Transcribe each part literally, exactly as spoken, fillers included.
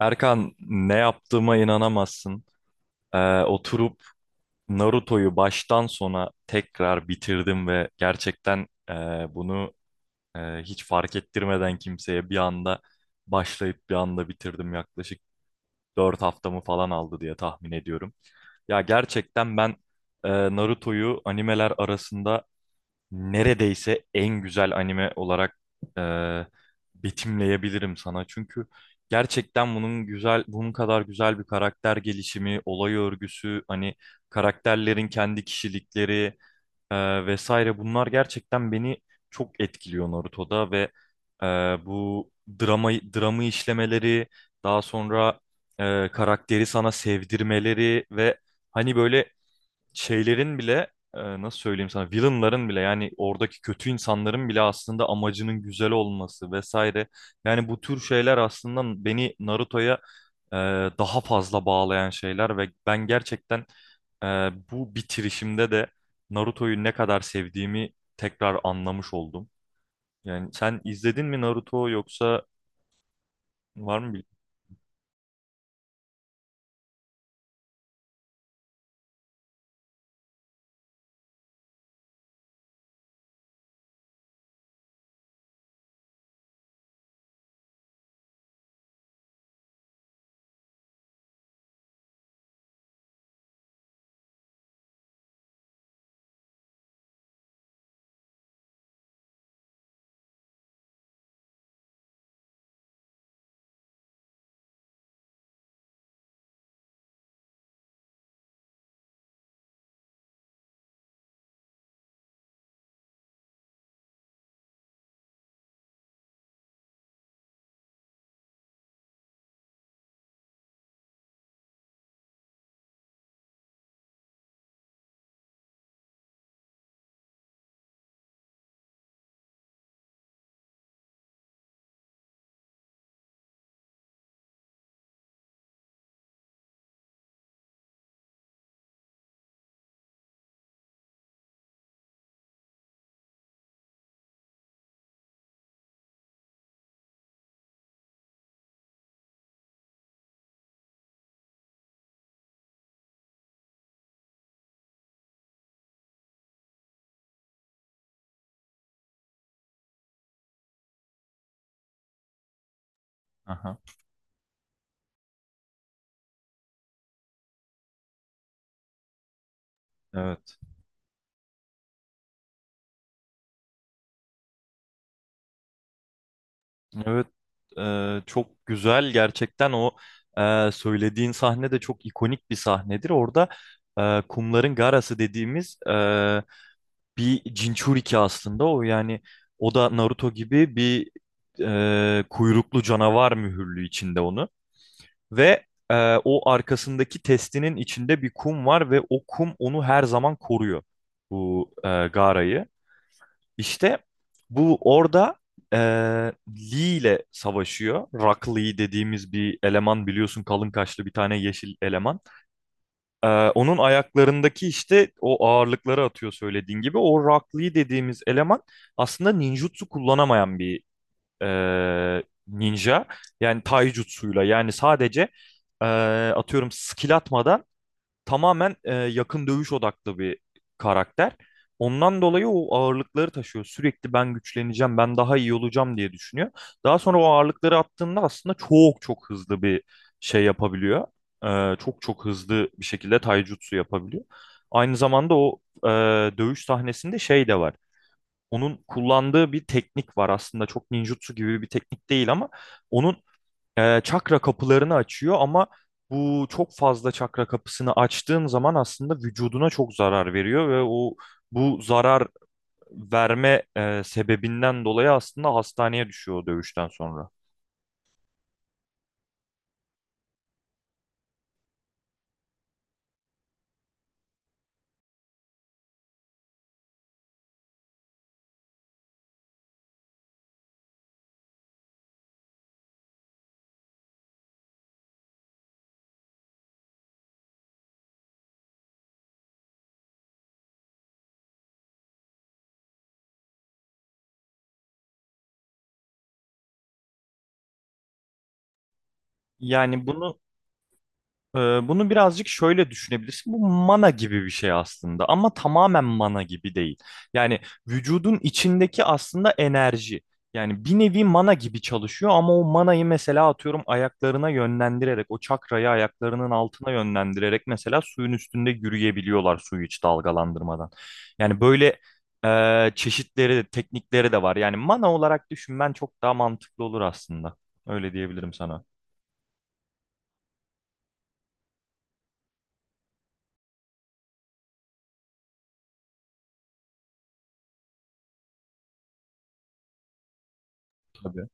Erkan, ne yaptığıma inanamazsın. Ee, oturup Naruto'yu baştan sona tekrar bitirdim ve gerçekten e, bunu e, hiç fark ettirmeden kimseye bir anda başlayıp bir anda bitirdim. Yaklaşık dört haftamı falan aldı diye tahmin ediyorum. Ya gerçekten ben e, Naruto'yu animeler arasında neredeyse en güzel anime olarak e, betimleyebilirim sana. Çünkü gerçekten bunun güzel, bunun kadar güzel bir karakter gelişimi, olay örgüsü, hani karakterlerin kendi kişilikleri e, vesaire bunlar gerçekten beni çok etkiliyor Naruto'da ve e, bu dramayı, dramı işlemeleri, daha sonra e, karakteri sana sevdirmeleri ve hani böyle şeylerin bile e, nasıl söyleyeyim sana, villainların bile, yani oradaki kötü insanların bile aslında amacının güzel olması vesaire. Yani bu tür şeyler aslında beni Naruto'ya e, daha fazla bağlayan şeyler ve ben gerçekten e, bu bitirişimde de Naruto'yu ne kadar sevdiğimi tekrar anlamış oldum. Yani sen izledin mi Naruto, yoksa var mı? bir- Aha, evet. Evet, e, çok güzel gerçekten o e, söylediğin sahne de çok ikonik bir sahnedir. Orada e, kumların garası dediğimiz e, bir Jinchuriki aslında o, yani o da Naruto gibi bir e, kuyruklu canavar mühürlü içinde onu. Ve e, o arkasındaki testinin içinde bir kum var ve o kum onu her zaman koruyor, bu e, garayı. İşte bu orada eee, Lee ile savaşıyor. Rock Lee dediğimiz bir eleman, biliyorsun, kalın kaşlı bir tane yeşil eleman. Eee, onun ayaklarındaki işte o ağırlıkları atıyor söylediğin gibi. O Rock Lee dediğimiz eleman aslında ninjutsu kullanamayan bir eee, ninja. Yani taijutsuyla, yani sadece eee, atıyorum skill atmadan tamamen e, yakın dövüş odaklı bir karakter. Ondan dolayı o ağırlıkları taşıyor. Sürekli ben güçleneceğim, ben daha iyi olacağım diye düşünüyor. Daha sonra o ağırlıkları attığında aslında çok çok hızlı bir şey yapabiliyor. E, çok çok hızlı bir şekilde taijutsu yapabiliyor. Aynı zamanda o e, dövüş sahnesinde şey de var. Onun kullandığı bir teknik var, aslında çok ninjutsu gibi bir teknik değil, ama onun e, çakra kapılarını açıyor. Ama bu çok fazla çakra kapısını açtığın zaman aslında vücuduna çok zarar veriyor ve o bu zarar verme e, sebebinden dolayı aslında hastaneye düşüyor o dövüşten sonra. Yani bunu Ee, bunu birazcık şöyle düşünebilirsin. Bu mana gibi bir şey aslında, ama tamamen mana gibi değil. Yani vücudun içindeki aslında enerji. Yani bir nevi mana gibi çalışıyor, ama o manayı mesela atıyorum ayaklarına yönlendirerek, o çakrayı ayaklarının altına yönlendirerek mesela suyun üstünde yürüyebiliyorlar, suyu hiç dalgalandırmadan. Yani böyle e, çeşitleri, teknikleri de var. Yani mana olarak düşünmen çok daha mantıklı olur aslında. Öyle diyebilirim sana. Tabii.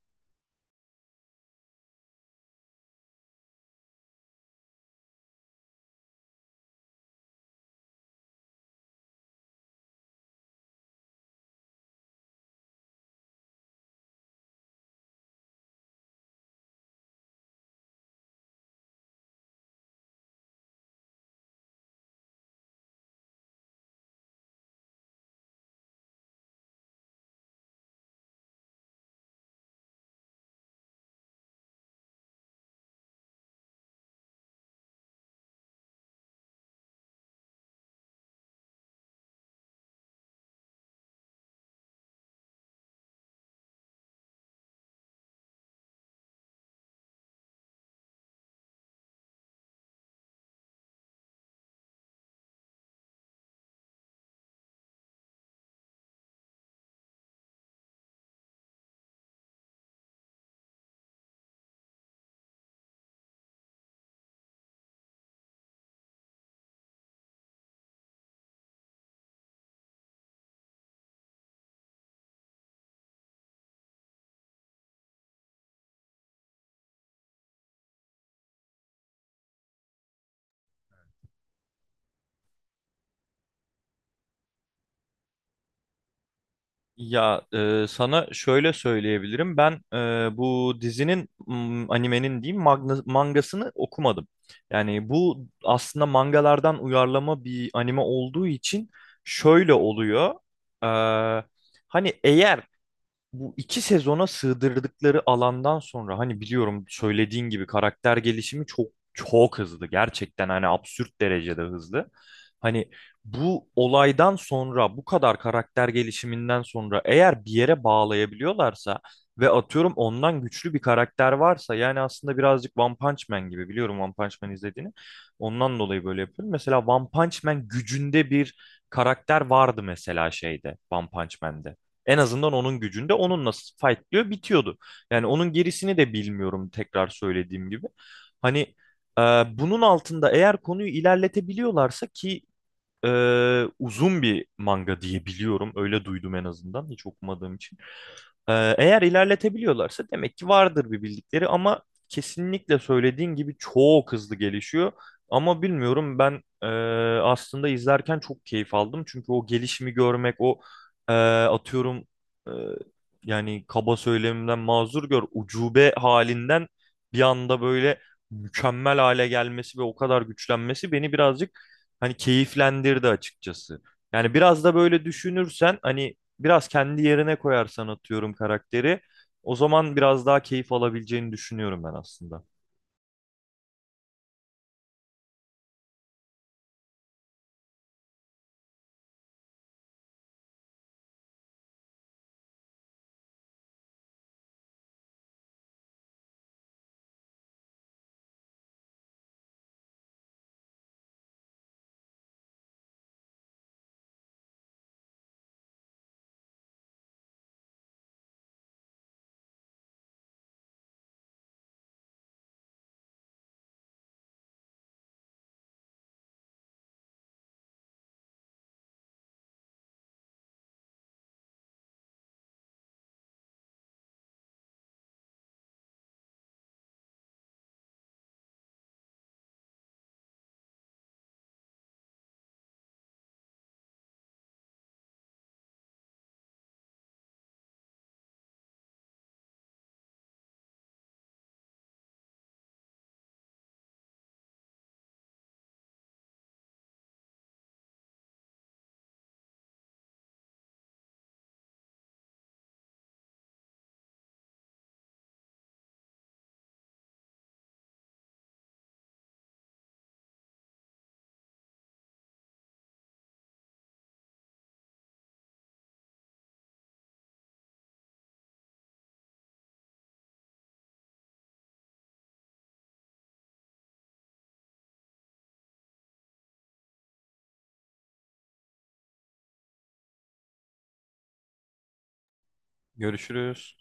Ya e, sana şöyle söyleyebilirim. Ben e, bu dizinin, m, animenin diyeyim, magna- mangasını okumadım. Yani bu aslında mangalardan uyarlama bir anime olduğu için şöyle oluyor. E, Hani eğer bu iki sezona sığdırdıkları alandan sonra, hani biliyorum, söylediğin gibi karakter gelişimi çok çok hızlı. Gerçekten hani absürt derecede hızlı. Hani bu olaydan sonra, bu kadar karakter gelişiminden sonra eğer bir yere bağlayabiliyorlarsa ve atıyorum ondan güçlü bir karakter varsa, yani aslında birazcık One Punch Man gibi, biliyorum One Punch Man izlediğini. Ondan dolayı böyle yapıyorum. Mesela One Punch Man gücünde bir karakter vardı mesela şeyde, One Punch Man'de. En azından onun gücünde onunla fightlıyor bitiyordu. Yani onun gerisini de bilmiyorum, tekrar söylediğim gibi. Hani e, bunun altında eğer konuyu ilerletebiliyorlarsa, ki ee, uzun bir manga diye biliyorum. Öyle duydum en azından, hiç okumadığım için. Ee, eğer ilerletebiliyorlarsa demek ki vardır bir bildikleri, ama kesinlikle söylediğin gibi çok hızlı gelişiyor. Ama bilmiyorum, ben e, aslında izlerken çok keyif aldım. Çünkü o gelişimi görmek, o e, atıyorum e, yani kaba söylemimden mazur gör, ucube halinden bir anda böyle mükemmel hale gelmesi ve o kadar güçlenmesi beni birazcık hani keyiflendirdi açıkçası. Yani biraz da böyle düşünürsen, hani biraz kendi yerine koyarsan atıyorum karakteri, o zaman biraz daha keyif alabileceğini düşünüyorum ben aslında. Görüşürüz.